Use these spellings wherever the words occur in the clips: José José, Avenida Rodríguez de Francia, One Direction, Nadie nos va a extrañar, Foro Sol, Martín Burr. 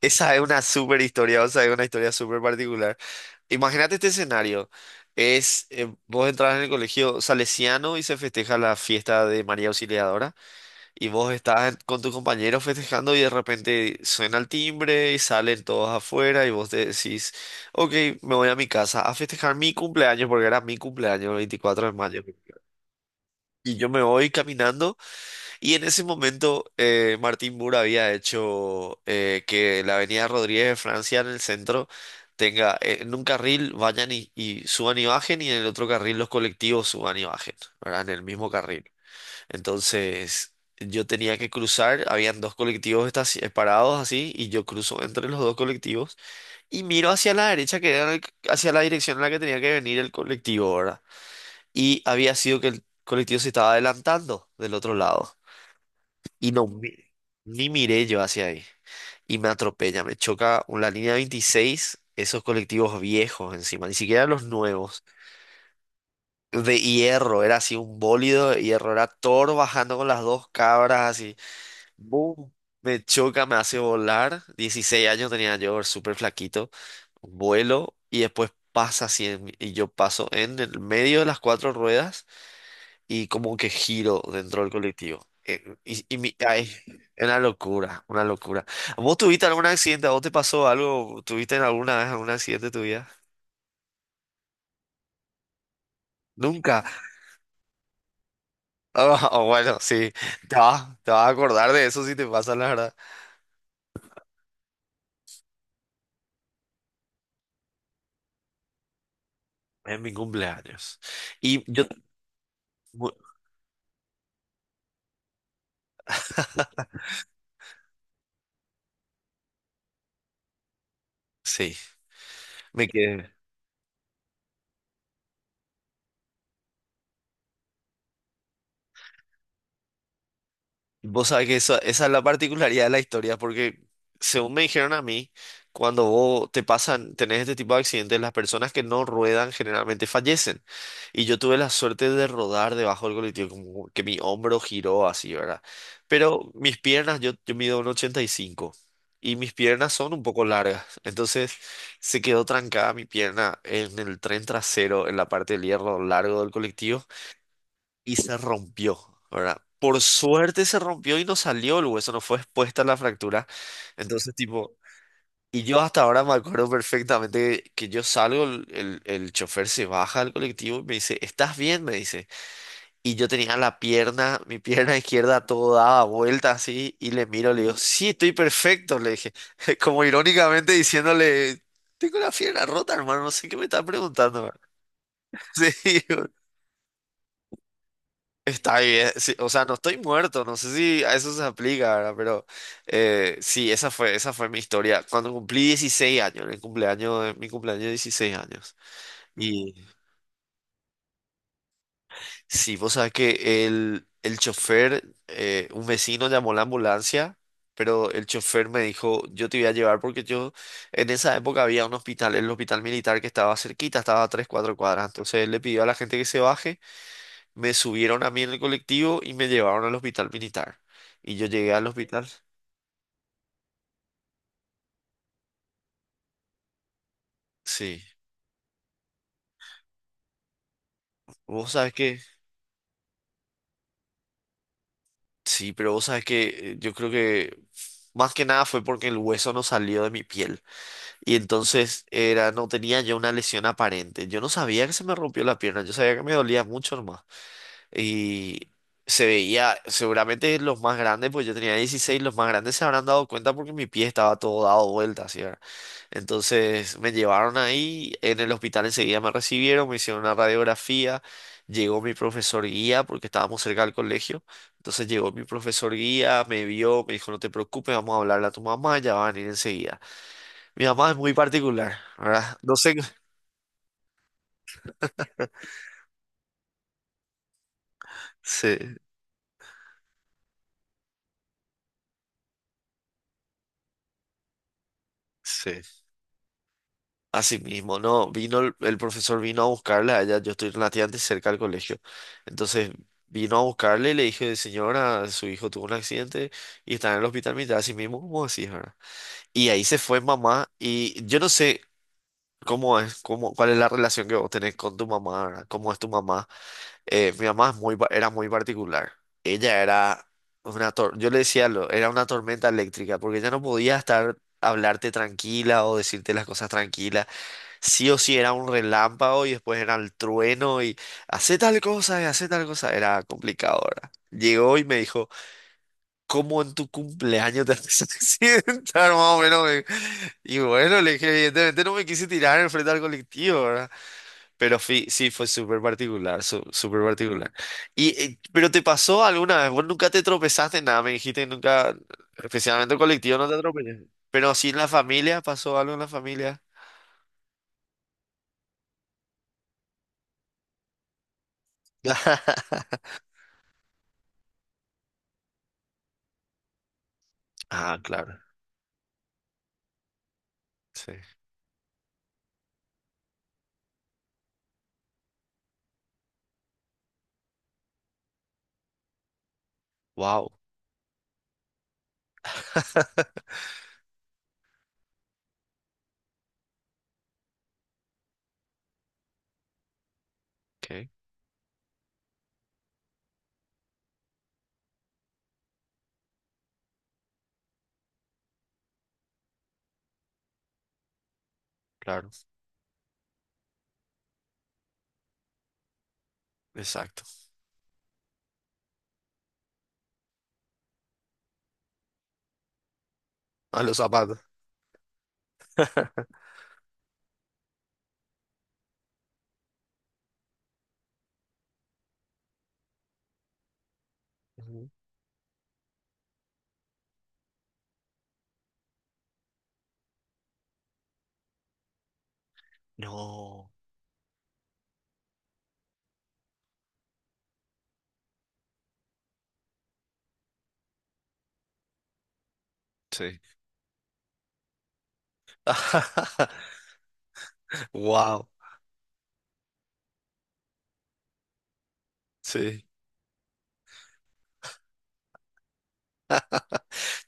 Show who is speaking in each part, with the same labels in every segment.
Speaker 1: Esa es una súper historia, o sea, es una historia súper particular. Imagínate este escenario. Vos entras en el colegio salesiano y se festeja la fiesta de María Auxiliadora y vos estás con tus compañeros festejando y de repente suena el timbre y salen todos afuera y vos te decís, ok, me voy a mi casa a festejar mi cumpleaños porque era mi cumpleaños el 24 de mayo. Y yo me voy caminando. Y en ese momento Martín Burr había hecho que la Avenida Rodríguez de Francia en el centro tenga, en un carril vayan y suban y bajen y en el otro carril los colectivos suban y bajen, ¿verdad? En el mismo carril. Entonces yo tenía que cruzar, habían dos colectivos parados así y yo cruzo entre los dos colectivos y miro hacia la derecha que era hacia la dirección en la que tenía que venir el colectivo, ¿verdad? Y había sido que el colectivo se estaba adelantando del otro lado. Y no, ni miré yo hacia ahí. Y me atropella, me choca la línea 26 esos colectivos viejos encima, ni siquiera los nuevos. De hierro, era así un bólido de hierro, era Thor bajando con las dos cabras así. ¡Bum! Me choca, me hace volar. 16 años tenía yo, súper flaquito. Vuelo y después pasa así en mí, y yo paso en el medio de las cuatro ruedas y como que giro dentro del colectivo. Y ay, es una locura, una locura. ¿Vos tuviste algún accidente? ¿A vos te pasó algo? ¿Tuviste en alguna vez algún accidente en tu vida? Nunca. Ah, ah, bueno, sí, te vas a acordar de eso si te pasa, la verdad. En mi cumpleaños. Y yo, bu- sí, me quedé. Vos sabés que eso, esa es la particularidad de la historia, porque según me dijeron a mí, cuando vos te pasan, tenés este tipo de accidentes, las personas que no ruedan generalmente fallecen. Y yo tuve la suerte de rodar debajo del colectivo, como que mi hombro giró así, ¿verdad? Pero mis piernas, yo mido un 85 y cinco y mis piernas son un poco largas. Entonces se quedó trancada mi pierna en el tren trasero, en la parte del hierro largo del colectivo y se rompió, ¿verdad? Por suerte se rompió y no salió el hueso, no fue expuesta la fractura. Entonces, tipo, y yo hasta ahora me acuerdo perfectamente que yo salgo, el chofer se baja del colectivo y me dice, ¿estás bien? Me dice. Y yo tenía la pierna, mi pierna izquierda todo daba vuelta así y le miro, le digo, sí, estoy perfecto, le dije, como irónicamente diciéndole, tengo la pierna rota, hermano, no sé qué me está preguntando. ¿Verdad?". Sí, está bien, sí, o sea, no estoy muerto, no sé si a eso se aplica, ¿verdad? Pero sí, esa fue mi historia. Cuando cumplí 16 años, en el cumpleaños, en mi cumpleaños de 16 años. Sí, vos sabés que el chofer, un vecino llamó la ambulancia, pero el chofer me dijo, yo te voy a llevar porque yo, en esa época había un hospital, el hospital militar que estaba cerquita, estaba a tres, cuatro cuadras. Entonces él le pidió a la gente que se baje, me subieron a mí en el colectivo y me llevaron al hospital militar. Y yo llegué al hospital, sí. Vos sabés que, sí, pero vos sabés que yo creo que más que nada fue porque el hueso no salió de mi piel. Y entonces era, no tenía yo una lesión aparente. Yo no sabía que se me rompió la pierna, yo sabía que me dolía mucho nomás. Y se veía, seguramente los más grandes, pues yo tenía 16 los más grandes se habrán dado cuenta porque mi pie estaba todo dado vuelta, así era. Entonces me llevaron ahí, en el hospital enseguida me recibieron, me hicieron una radiografía, llegó mi profesor guía porque estábamos cerca del colegio. Entonces llegó mi profesor guía, me vio, me dijo, no te preocupes, vamos a hablarle a tu mamá, ya va a venir enseguida. Mi mamá es muy particular, ¿verdad? No sé. Sí, sí. Así mismo, no, vino el profesor vino a buscarla a ella yo estoy relativamente cerca del colegio. Entonces vino a buscarle y le dije, señora, su hijo tuvo un accidente y está en el hospital militar, así mismo como así, ¿verdad? Y ahí se fue mamá y yo no sé cómo es, cómo, cuál es la relación que vos tenés con tu mamá, ¿verdad? ¿Cómo es tu mamá? Mi mamá es muy, era muy particular. Ella era yo le decía, era una tormenta eléctrica, porque ella no podía estar, hablarte tranquila o decirte las cosas tranquilas. Sí o sí era un relámpago y después era el trueno y hace tal cosa y hace tal cosa. Era complicado, ¿verdad? Llegó y me dijo, ¿cómo en tu cumpleaños te haces accidentar? Más o menos. Y bueno, le dije, evidentemente no me quise tirar enfrente al colectivo, ¿verdad? Pero sí, fue súper particular, súper particular. Y, ¿pero te pasó alguna vez? ¿Vos nunca te tropezaste en nada? Me dijiste que nunca, especialmente el colectivo, no te tropezaste. Pero sí en la familia, ¿pasó algo en la familia? Ah, claro, sí. Wow, ok, claro, exacto. A los zapatos. Ujú. No, sí. Wow, sí.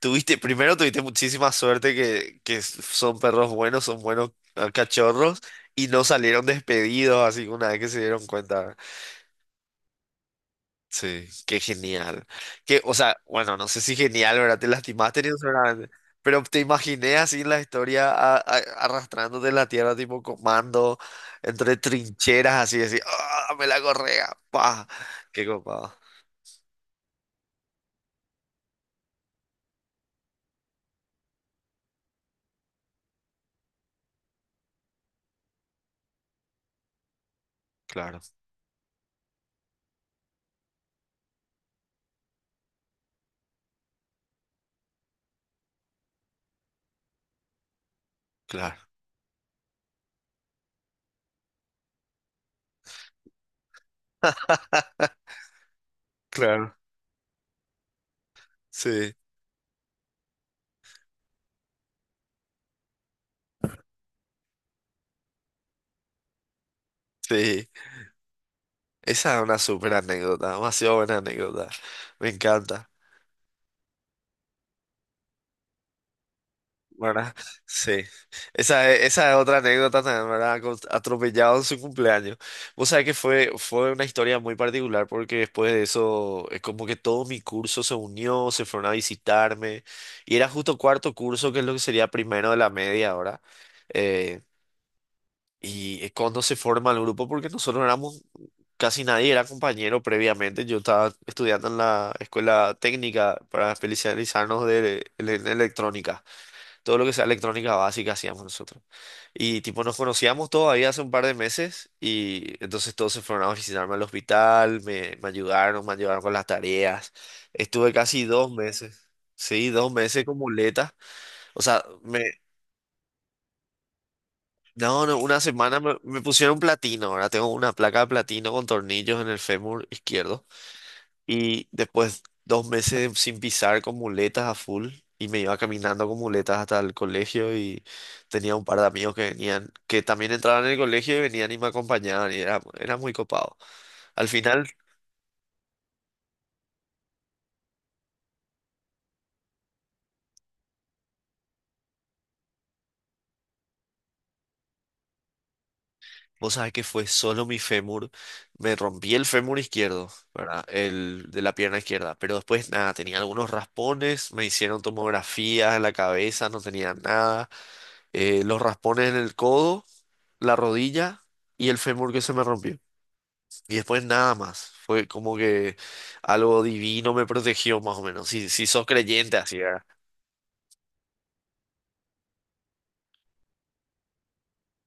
Speaker 1: Tuviste, primero tuviste muchísima suerte que son perros buenos, son buenos ah, cachorros y no salieron despedidos así una vez que se dieron cuenta. Sí, qué genial. Que, o sea, bueno, no sé si genial, ¿verdad? Te lastimaste ni seguramente, pero te imaginé así en la historia arrastrándote en la tierra tipo comando, entre trincheras así, así, ¡ah, me la correa! ¡Pah! ¡Qué copado! Claro, claro. Claro, sí, sí. Esa es una súper anécdota, demasiado buena anécdota. Me encanta, ¿verdad? Sí. Esa es otra anécdota también, ¿verdad? Con- atropellado en su cumpleaños. Vos sabés que fue, fue una historia muy particular porque después de eso es como que todo mi curso se unió, se fueron a visitarme y era justo cuarto curso, que es lo que sería primero de la media ahora. Y es cuando se forma el grupo, porque nosotros éramos, casi nadie era compañero previamente. Yo estaba estudiando en la escuela técnica para especializarnos de, en electrónica. Todo lo que sea electrónica básica hacíamos nosotros. Y tipo, nos conocíamos todavía hace un par de meses y entonces todos se fueron a visitarme al hospital, me ayudaron, me ayudaron con las tareas. Estuve casi 2 meses, sí, 2 meses con muletas. O sea, me no, no, una semana me, me pusieron platino. Ahora tengo una placa de platino con tornillos en el fémur izquierdo. Y después 2 meses sin pisar con muletas a full. Y me iba caminando con muletas hasta el colegio. Y tenía un par de amigos que venían, que también entraban en el colegio y venían y me acompañaban. Y era, era muy copado. Al final vos sabés que fue solo mi fémur. Me rompí el fémur izquierdo, ¿verdad? El de la pierna izquierda. Pero después, nada, tenía algunos raspones. Me hicieron tomografías en la cabeza, no tenía nada. Eh, los raspones en el codo, la rodilla y el fémur que se me rompió. Y después nada más. Fue como que algo divino me protegió, más o menos. Si, si sos creyente, así, ¿verdad?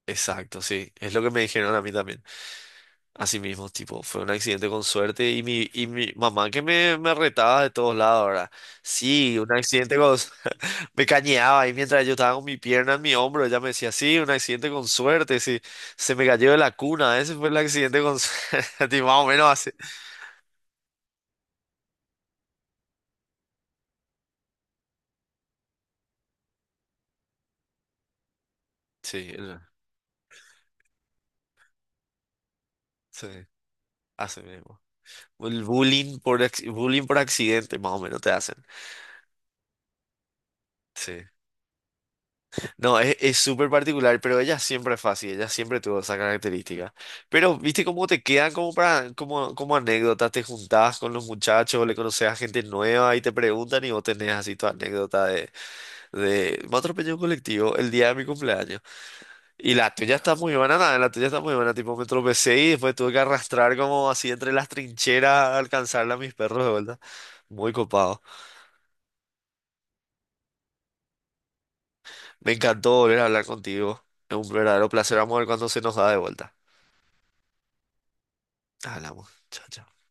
Speaker 1: Exacto, sí. Es lo que me dijeron a mí también. Así mismo, tipo, fue un accidente con suerte y mi mamá que me retaba de todos lados, ¿verdad? Sí, un accidente con... Me cañeaba y mientras yo estaba con mi pierna en mi hombro, ella me decía, sí, un accidente con suerte, sí, se me cayó de la cuna, ese fue el accidente con suerte, y más o menos así. Sí, sí, así mismo. El bullying por, bullying por accidente, más o menos te hacen. Sí. No, es súper particular, pero ella siempre fue así, ella siempre tuvo esa característica. Pero, ¿viste cómo te quedan como para, como anécdota? Te juntás con los muchachos, le conoces a gente nueva y te preguntan y vos tenés así tu anécdota de me atropelló un colectivo el día de mi cumpleaños. Y la tuya está muy buena, nada, la tuya está muy buena, tipo me tropecé y después tuve que arrastrar como así entre las trincheras a alcanzarla a mis perros de vuelta. Muy copado. Me encantó volver a hablar contigo. Es un verdadero placer, vamos a ver cuando se nos da de vuelta. Hablamos. Chao, chao.